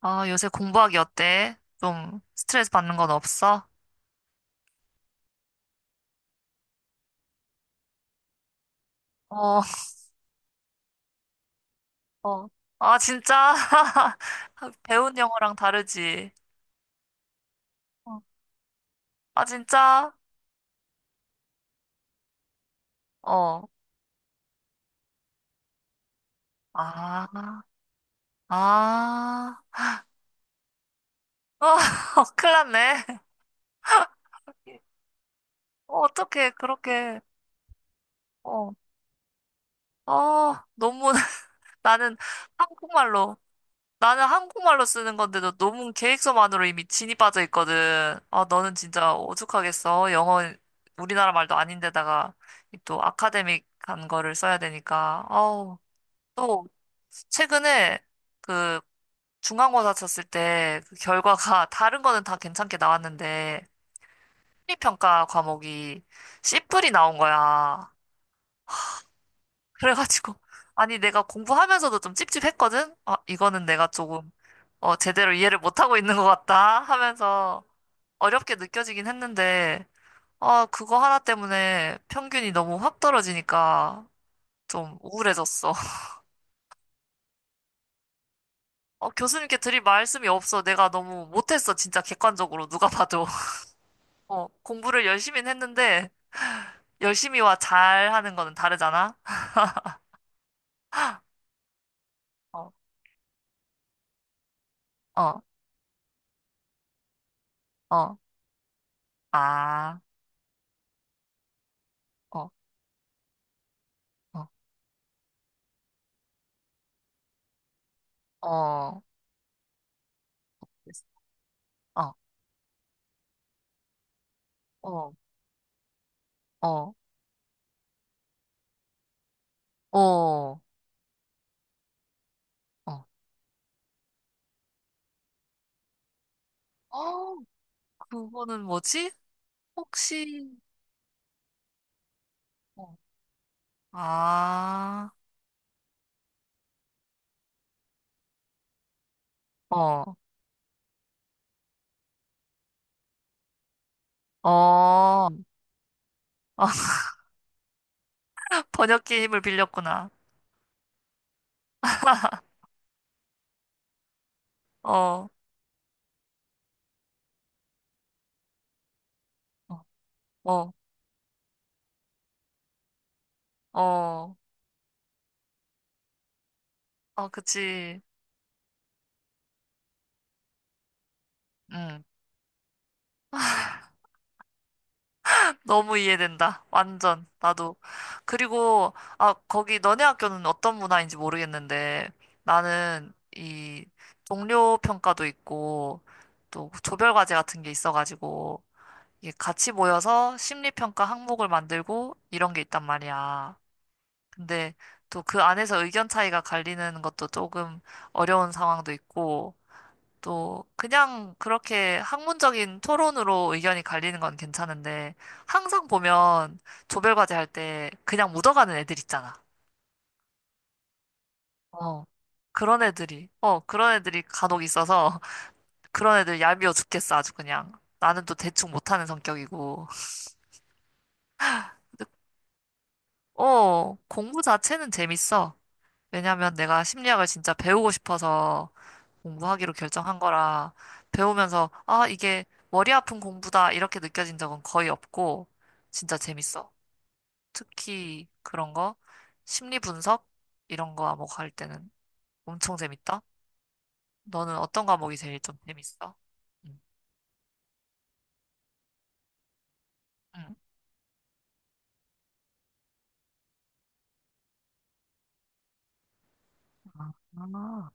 아, 요새 공부하기 어때? 좀 스트레스 받는 건 없어? 어, 어. 아, 진짜? 배운 영어랑 다르지? 어. 아, 진짜? 어. 아, 아. 어, 큰일 났네. 어, 어떻게 어, 어, 너무 나는 한국말로 나는 한국말로 쓰는 건데도 너무 계획서만으로 이미 진이 빠져 있거든. 아, 너는 진짜 오죽하겠어. 영어, 우리나라 말도 아닌데다가 이또 아카데믹한 거를 써야 되니까. 아우, 또 최근에 그 중간고사 쳤을 때 그 결과가 다른 거는 다 괜찮게 나왔는데 심리평가 과목이 C뿔이 나온 거야. 그래가지고, 아니, 내가 공부하면서도 좀 찝찝했거든? 아, 이거는 내가 어, 제대로 이해를 못하고 있는 것 같다 하면서 어렵게 느껴지긴 했는데, 아, 그거 하나 때문에 평균이 너무 확 떨어지니까 좀 우울해졌어. 어, 교수님께 드릴 말씀이 없어. 내가 너무 못했어. 진짜 객관적으로 누가 봐도. 어, 공부를 열심히 했는데, 열심히와 잘하는 거는 다르잖아? 어, 어, 어, 아, 어, 어, 어, 어, 어. 어, 어, 어. 어, 그거는 뭐지? 혹시, 어. 아, 어, 어, 번역기 힘을 빌렸구나. 어, 어, 어, 어, 어 그치. 음 너무 이해된다. 완전, 나도. 그리고, 아, 거기 너네 학교는 어떤 문화인지 모르겠는데, 나는 이 동료 평가도 있고, 또 조별 과제 같은 게 있어가지고, 이게 같이 모여서 심리평가 항목을 만들고 이런 게 있단 말이야. 근데 또 그 안에서 의견 차이가 갈리는 것도 조금 어려운 상황도 있고, 또 그냥 그렇게 학문적인 토론으로 의견이 갈리는 건 괜찮은데, 항상 보면 조별과제 할 때 그냥 묻어가는 애들 있잖아. 어. 그런 애들이 간혹 있어서, 그런 애들 얄미워 죽겠어, 아주 그냥. 나는 또 대충 못하는 성격이고. 어, 공부 자체는 재밌어. 왜냐면 내가 심리학을 진짜 배우고 싶어서 공부하기로 결정한 거라 배우면서 아, 이게 머리 아픈 공부다 이렇게 느껴진 적은 거의 없고 진짜 재밌어. 특히 그런 거 심리 분석 이런 거 과목 할 때는 엄청 재밌다. 너는 어떤 과목이 제일 좀 재밌어? 응. 응. 아, 아,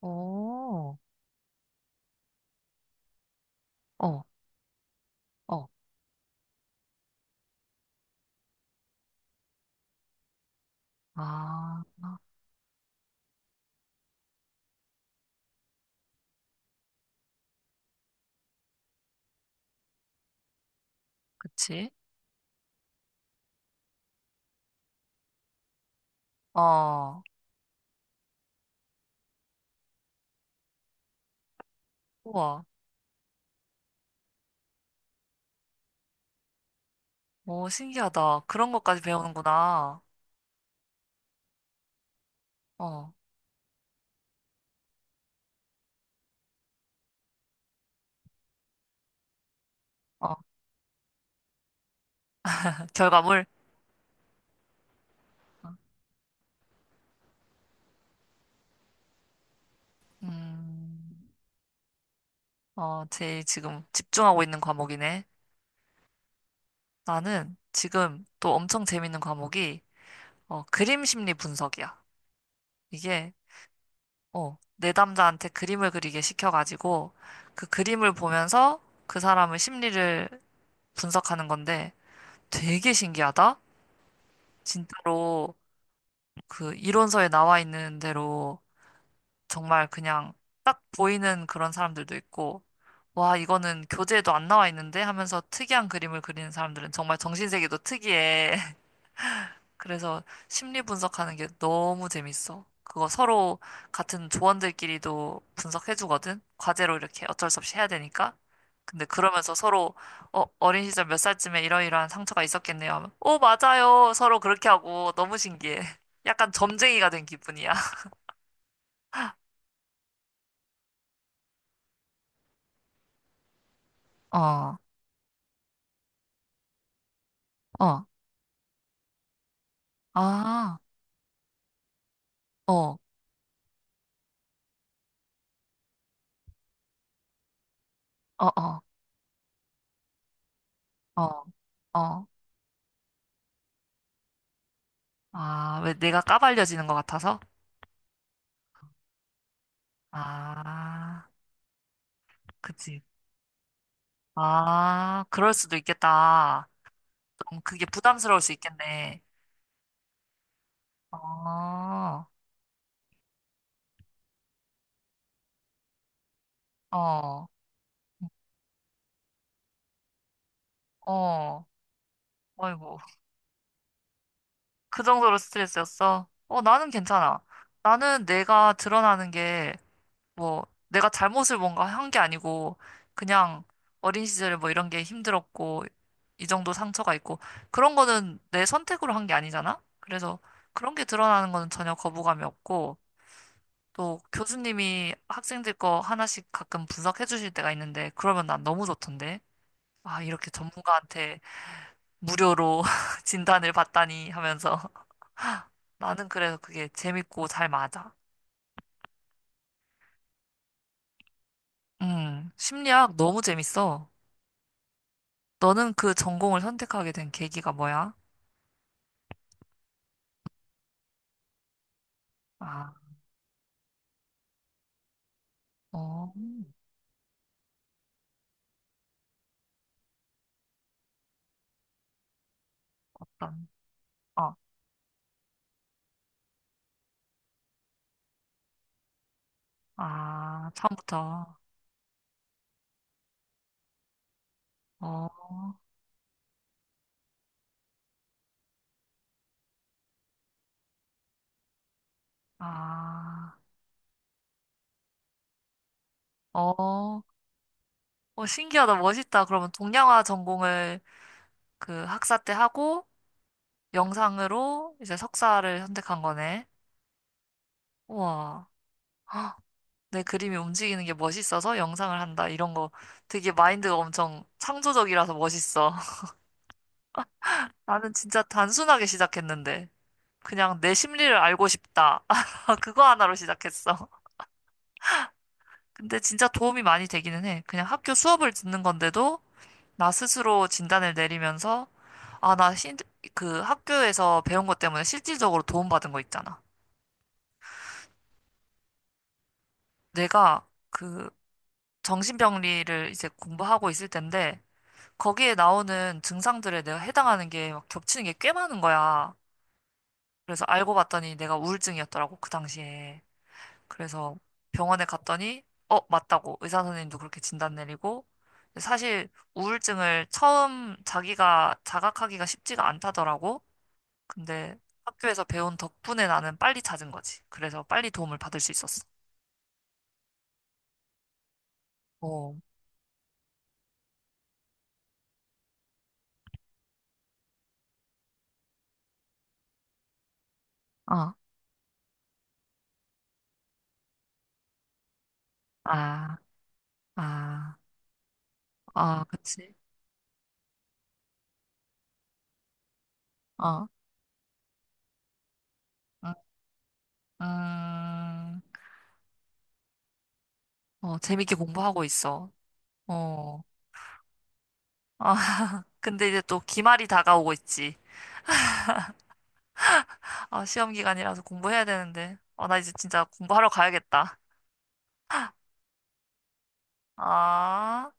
오, 어, 어, 아, 아, 그치? 어. 우와. 오, 신기하다. 그런 것까지 배우는구나. 어. 어, 결과물? 음, 어, 제일 지금 집중하고 있는 과목이네. 나는 지금 또 엄청 재밌는 과목이, 어, 그림 심리 분석이야. 이게, 어, 내담자한테 그림을 그리게 시켜가지고, 그 그림을 보면서 그 사람의 심리를 분석하는 건데, 되게 신기하다? 진짜로 그 이론서에 나와 있는 대로 정말 그냥 딱 보이는 그런 사람들도 있고, 와, 이거는 교재에도 안 나와 있는데 하면서 특이한 그림을 그리는 사람들은 정말 정신세계도 특이해. 그래서 심리 분석하는 게 너무 재밌어. 그거 서로 같은 조원들끼리도 분석해주거든. 과제로 이렇게 어쩔 수 없이 해야 되니까. 근데 그러면서 서로 어, 어린 시절 몇 살쯤에 이러이러한 상처가 있었겠네요 하면, 오, 맞아요. 서로 그렇게 하고 너무 신기해. 약간 점쟁이가 된 기분이야. 어, 어. 아. 어, 어, 어, 어, 어. 아, 왜 내가 까발려지는 것 같아서? 아, 그치. 아, 그럴 수도 있겠다. 좀 그게 부담스러울 수 있겠네. 어, 어, 어. 아이고, 그 정도로 스트레스였어? 어, 나는 괜찮아. 나는 내가 드러나는 게 뭐 내가 잘못을 뭔가 한 게 아니고 그냥 어린 시절에 뭐 이런 게 힘들었고 이 정도 상처가 있고 그런 거는 내 선택으로 한 게 아니잖아. 그래서 그런 게 드러나는 거는 전혀 거부감이 없고 또 교수님이 학생들 거 하나씩 가끔 분석해 주실 때가 있는데 그러면 난 너무 좋던데. 아, 이렇게 전문가한테 무료로 진단을 받다니 하면서 나는 그래서 그게 재밌고 잘 맞아. 심리학 너무 재밌어. 너는 그 전공을 선택하게 된 계기가 뭐야? 아, 어, 난, 어, 아, 처음부터, 어, 아, 어, 어, 신기하다, 멋있다. 그러면 동양화 전공을 그 학사 때 하고 영상으로 이제 석사를 선택한 거네. 우와, 헉, 내 그림이 움직이는 게 멋있어서 영상을 한다. 이런 거 되게 마인드가 엄청 창조적이라서 멋있어. 나는 진짜 단순하게 시작했는데, 그냥 내 심리를 알고 싶다. 아, 그거 하나로 시작했어. 근데 진짜 도움이 많이 되기는 해. 그냥 학교 수업을 듣는 건데도 나 스스로 진단을 내리면서 아, 나 신, 그 학교에서 배운 것 때문에 실질적으로 도움받은 거 있잖아. 내가 그 정신병리를 이제 공부하고 있을 텐데 거기에 나오는 증상들에 내가 해당하는 게 막 겹치는 게 꽤 많은 거야. 그래서 알고 봤더니 내가 우울증이었더라고, 그 당시에. 그래서 병원에 갔더니, 어, 맞다고. 의사 선생님도 그렇게 진단 내리고. 사실 우울증을 처음 자기가 자각하기가 쉽지가 않다더라고. 근데 학교에서 배운 덕분에 나는 빨리 찾은 거지. 그래서 빨리 도움을 받을 수 있었어. 어, 아, 아, 아, 아, 그치. 어, 음, 음, 어, 재밌게 공부하고 있어. 어, 아, 근데 이제 또 기말이 다가오고 있지. 아, 시험 기간이라서 공부해야 되는데. 아, 나 이제 진짜 공부하러 가야겠다. 아.